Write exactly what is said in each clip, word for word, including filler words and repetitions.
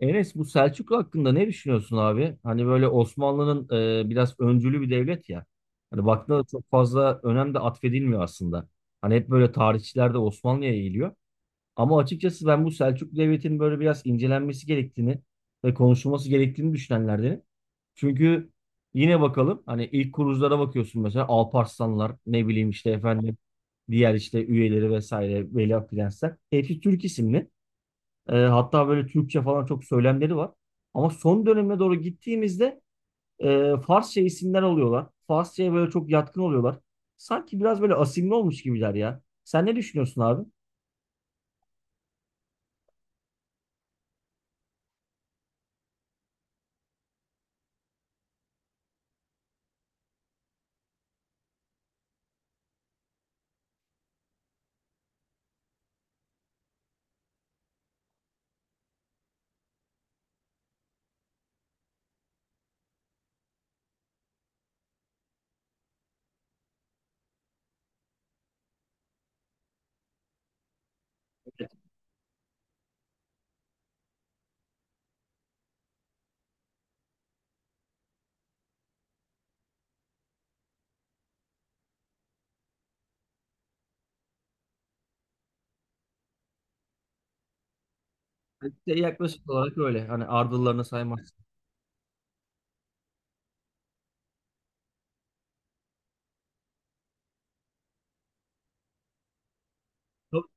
Enes bu Selçuklu hakkında ne düşünüyorsun abi? Hani böyle Osmanlı'nın e, biraz öncülü bir devlet ya. Hani baktığında da çok fazla önem de atfedilmiyor aslında. Hani hep böyle tarihçiler de Osmanlı'ya eğiliyor. Ama açıkçası ben bu Selçuklu devletinin böyle biraz incelenmesi gerektiğini ve konuşulması gerektiğini düşünenlerdenim. Çünkü yine bakalım hani ilk kuruluşlara bakıyorsun mesela Alparslanlar ne bileyim işte efendim diğer işte üyeleri vesaire Veliaht Prensler. Hepsi Türk isimli. E, hatta böyle Türkçe falan çok söylemleri var. Ama son döneme doğru gittiğimizde e, Farsça isimler alıyorlar. Farsça'ya böyle çok yatkın oluyorlar. Sanki biraz böyle asimli olmuş gibiler ya. Sen ne düşünüyorsun abi? Evet, işte yaklaşık olarak öyle. Hani ardıllarını saymazsın. Çok-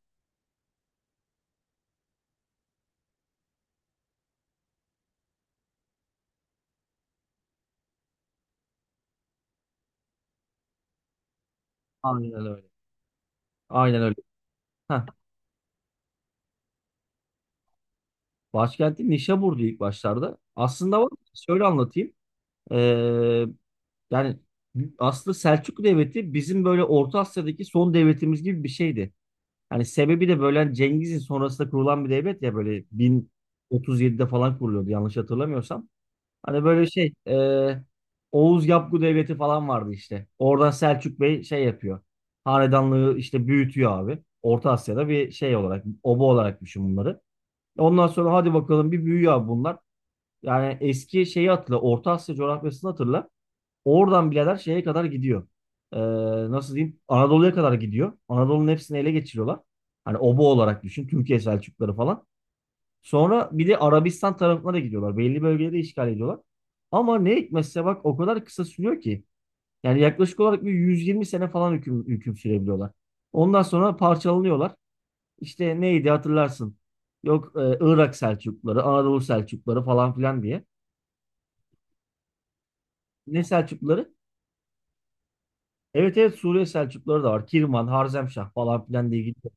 Aynen öyle. Aynen öyle. Heh. Başkenti Nişabur'du ilk başlarda. Aslında var. Şöyle anlatayım. Ee, Yani aslında Selçuklu Devleti bizim böyle Orta Asya'daki son devletimiz gibi bir şeydi. Hani sebebi de böyle hani Cengiz'in sonrasında kurulan bir devlet ya böyle bin otuz yedide falan kuruluyordu yanlış hatırlamıyorsam. Hani böyle şey e, Oğuz Yapgu Devleti falan vardı işte. Oradan Selçuk Bey şey yapıyor. Hanedanlığı işte büyütüyor abi. Orta Asya'da bir şey olarak, oba olarak düşün bunları. Ondan sonra hadi bakalım bir büyüyor abi bunlar. Yani eski şeyi hatırla, Orta Asya coğrafyasını hatırla. Oradan birader şeye kadar gidiyor. Ee, Nasıl diyeyim? Anadolu'ya kadar gidiyor. Anadolu'nun hepsini ele geçiriyorlar. Hani obo olarak düşün. Türkiye Selçukları falan. Sonra bir de Arabistan tarafına da gidiyorlar. Belli bölgeleri işgal ediyorlar. Ama ne hikmetse bak o kadar kısa sürüyor ki. Yani yaklaşık olarak bir yüz yirmi sene falan hüküm, hüküm sürebiliyorlar. Ondan sonra parçalanıyorlar. İşte neydi hatırlarsın. Yok e, Irak Selçukları, Anadolu Selçukları falan filan diye. Ne Selçukları? Evet evet Suriye Selçukluları da var. Kirman, Harzemşah falan filan diye gidiyor.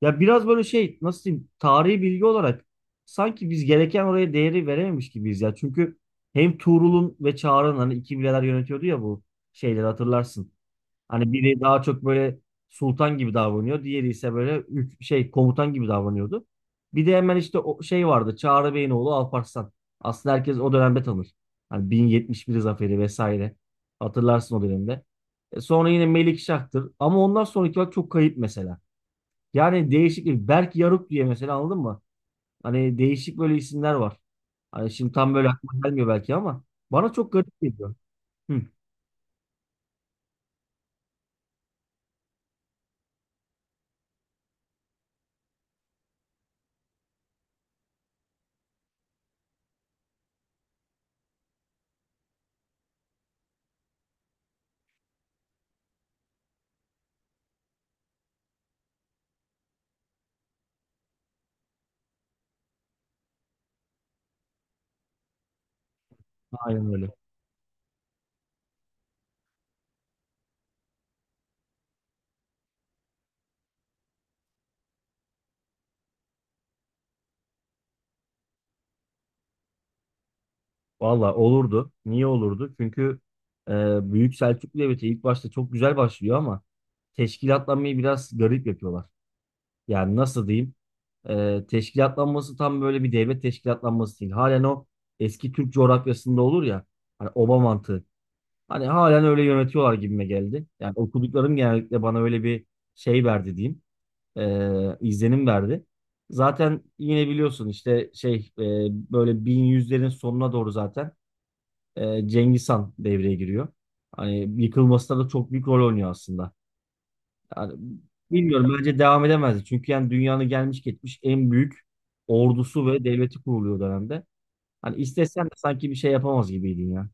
Ya biraz böyle şey nasıl diyeyim tarihi bilgi olarak sanki biz gereken oraya değeri verememiş gibiyiz ya. Çünkü hem Tuğrul'un ve Çağrı'nın hani iki bileler yönetiyordu ya bu şeyleri hatırlarsın. Hani biri daha çok böyle sultan gibi davranıyor. Diğeri ise böyle ük- şey komutan gibi davranıyordu. Bir de hemen işte o şey vardı Çağrı Bey'in oğlu Alparslan. Aslında herkes o dönemde tanır. Hani bin yetmiş bir zaferi vesaire. Hatırlarsın o dönemde. E, Sonra yine Melik Şak'tır. Ama ondan sonraki bak çok kayıp mesela. Yani değişik bir Berk Yaruk diye mesela anladın mı? Hani değişik böyle isimler var. Hani şimdi tam böyle aklıma gelmiyor belki ama bana çok garip geliyor. Hı, aynen öyle. Valla olurdu. Niye olurdu? Çünkü e, Büyük Selçuklu Devleti ilk başta çok güzel başlıyor ama teşkilatlanmayı biraz garip yapıyorlar. Yani nasıl diyeyim? E, teşkilatlanması tam böyle bir devlet teşkilatlanması değil. Halen o eski Türk coğrafyasında olur ya. Hani oba mantığı. Hani halen öyle yönetiyorlar gibime geldi. Yani okuduklarım genellikle bana öyle bir şey verdi diyeyim. Ee, izlenim verdi. Zaten yine biliyorsun işte şey e, böyle bin yüzlerin sonuna doğru zaten e, Cengiz Han devreye giriyor. Hani yıkılmasına da çok büyük rol oynuyor aslında. Yani bilmiyorum bence devam edemezdi. Çünkü yani dünyanın gelmiş geçmiş en büyük ordusu ve devleti kuruluyor o dönemde. Hani istesen de sanki bir şey yapamaz gibiydin ya.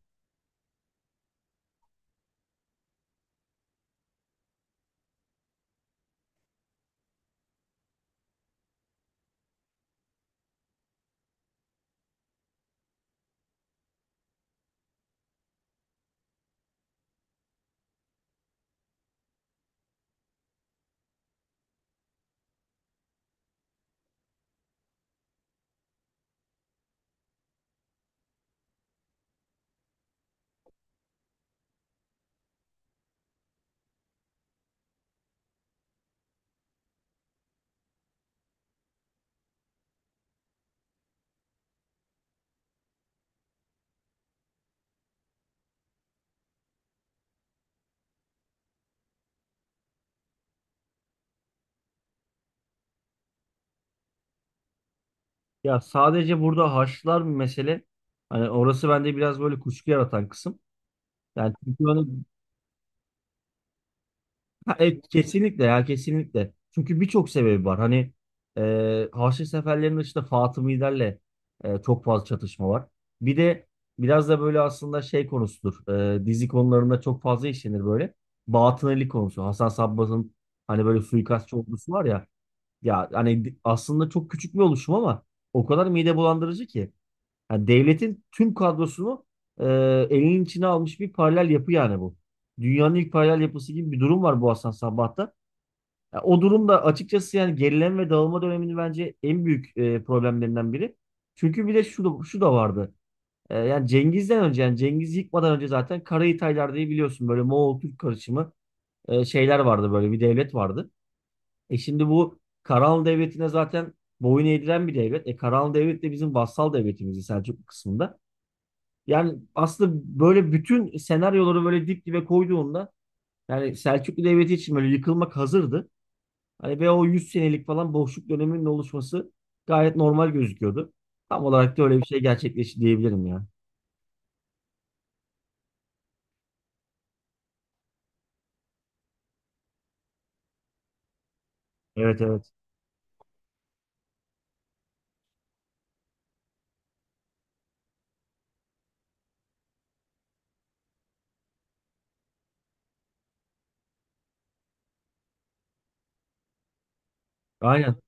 Ya sadece burada Haçlılar bir mesele. Hani orası bende biraz böyle kuşku yaratan kısım. Yani çünkü hani, ha, evet, kesinlikle ya kesinlikle. Çünkü birçok sebebi var. Hani e, Haçlı seferlerinin dışında Fatımilerle e, çok fazla çatışma var. Bir de biraz da böyle aslında şey konusudur. E, dizi konularında çok fazla işlenir böyle. Batınili konusu. Hasan Sabbah'ın hani böyle suikastçı ordusu var ya. Ya hani aslında çok küçük bir oluşum ama o kadar mide bulandırıcı ki. Ha, devletin tüm kadrosunu e, elinin içine almış bir paralel yapı yani bu. Dünyanın ilk paralel yapısı gibi bir durum var bu Hasan Sabbah'ta. Ya, o durumda açıkçası yani gerileme ve dağılma döneminin bence en büyük e, problemlerinden biri. Çünkü bir de şu da, şu da vardı. E, yani Cengiz'den önce yani Cengiz yıkmadan önce zaten Karahitaylar diye biliyorsun böyle Moğol-Türk karışımı e, şeyler vardı böyle bir devlet vardı. E şimdi bu Karahanlı Devleti'ne zaten boyun eğdiren bir devlet. E Karahanlı Devlet de bizim vassal devletimizdi Selçuklu kısmında. Yani aslında böyle bütün senaryoları böyle dip dibe koyduğunda yani Selçuklu Devleti için böyle yıkılmak hazırdı. Hani ve o yüz senelik falan boşluk döneminin oluşması gayet normal gözüküyordu. Tam olarak da öyle bir şey gerçekleşti diyebilirim ya. Evet evet. Aynen.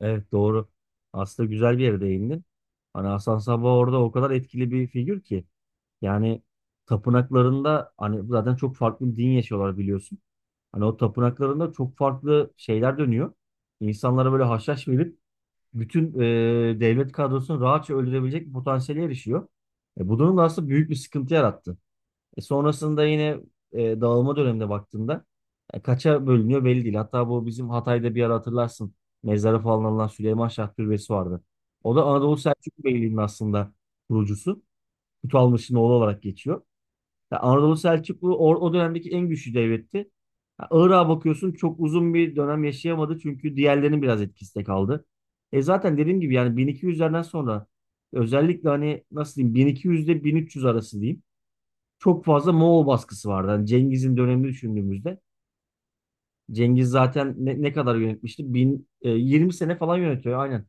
Evet doğru. Aslında güzel bir yere değindin. Hani Hasan Sabbah orada o kadar etkili bir figür ki. Yani tapınaklarında hani zaten çok farklı bir din yaşıyorlar biliyorsun. Hani o tapınaklarında çok farklı şeyler dönüyor. İnsanlara böyle haşhaş verip bütün e, devlet kadrosunu rahatça öldürebilecek bir potansiyele erişiyor. E, bu durum da aslında büyük bir sıkıntı yarattı. E, sonrasında yine e, dağılma dönemine baktığında e, kaça bölünüyor belli değil. Hatta bu bizim Hatay'da bir ara hatırlarsın mezara falan alınan Süleyman Şah Türbesi vardı. O da Anadolu Selçuklu Beyliği'nin aslında kurucusu. Kutu Almış'ın oğlu olarak geçiyor. Ya Anadolu Selçuklu o, o dönemdeki en güçlü devletti. Ya Irak'a bakıyorsun çok uzun bir dönem yaşayamadı çünkü diğerlerinin biraz etkisi de kaldı. E zaten dediğim gibi yani bin iki yüzlerden sonra özellikle hani nasıl diyeyim bin iki yüz ile bin üç yüz arası diyeyim çok fazla Moğol baskısı vardı. Hani Cengiz'in dönemini düşündüğümüzde Cengiz zaten ne, ne kadar yönetmişti? Bin, e, yirmi sene falan yönetiyor aynen.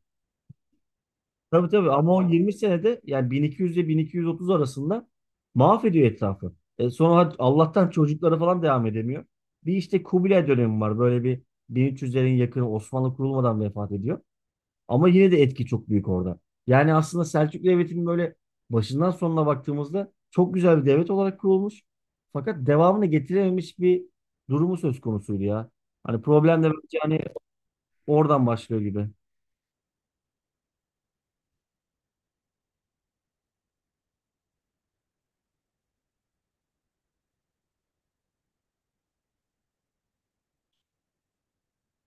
Tabii tabii ama o yirmi senede yani bin iki yüz ile bin iki yüz otuz arasında mahvediyor etrafı. E sonra hadi Allah'tan çocuklara falan devam edemiyor. Bir işte Kubilay dönemi var. Böyle bir bin üç yüzlerin yakını Osmanlı kurulmadan vefat ediyor. Ama yine de etki çok büyük orada. Yani aslında Selçuklu Devleti'nin böyle başından sonuna baktığımızda çok güzel bir devlet olarak kurulmuş. Fakat devamını getirememiş bir durumu söz konusuydu ya. Hani problem de bence hani oradan başlıyor gibi.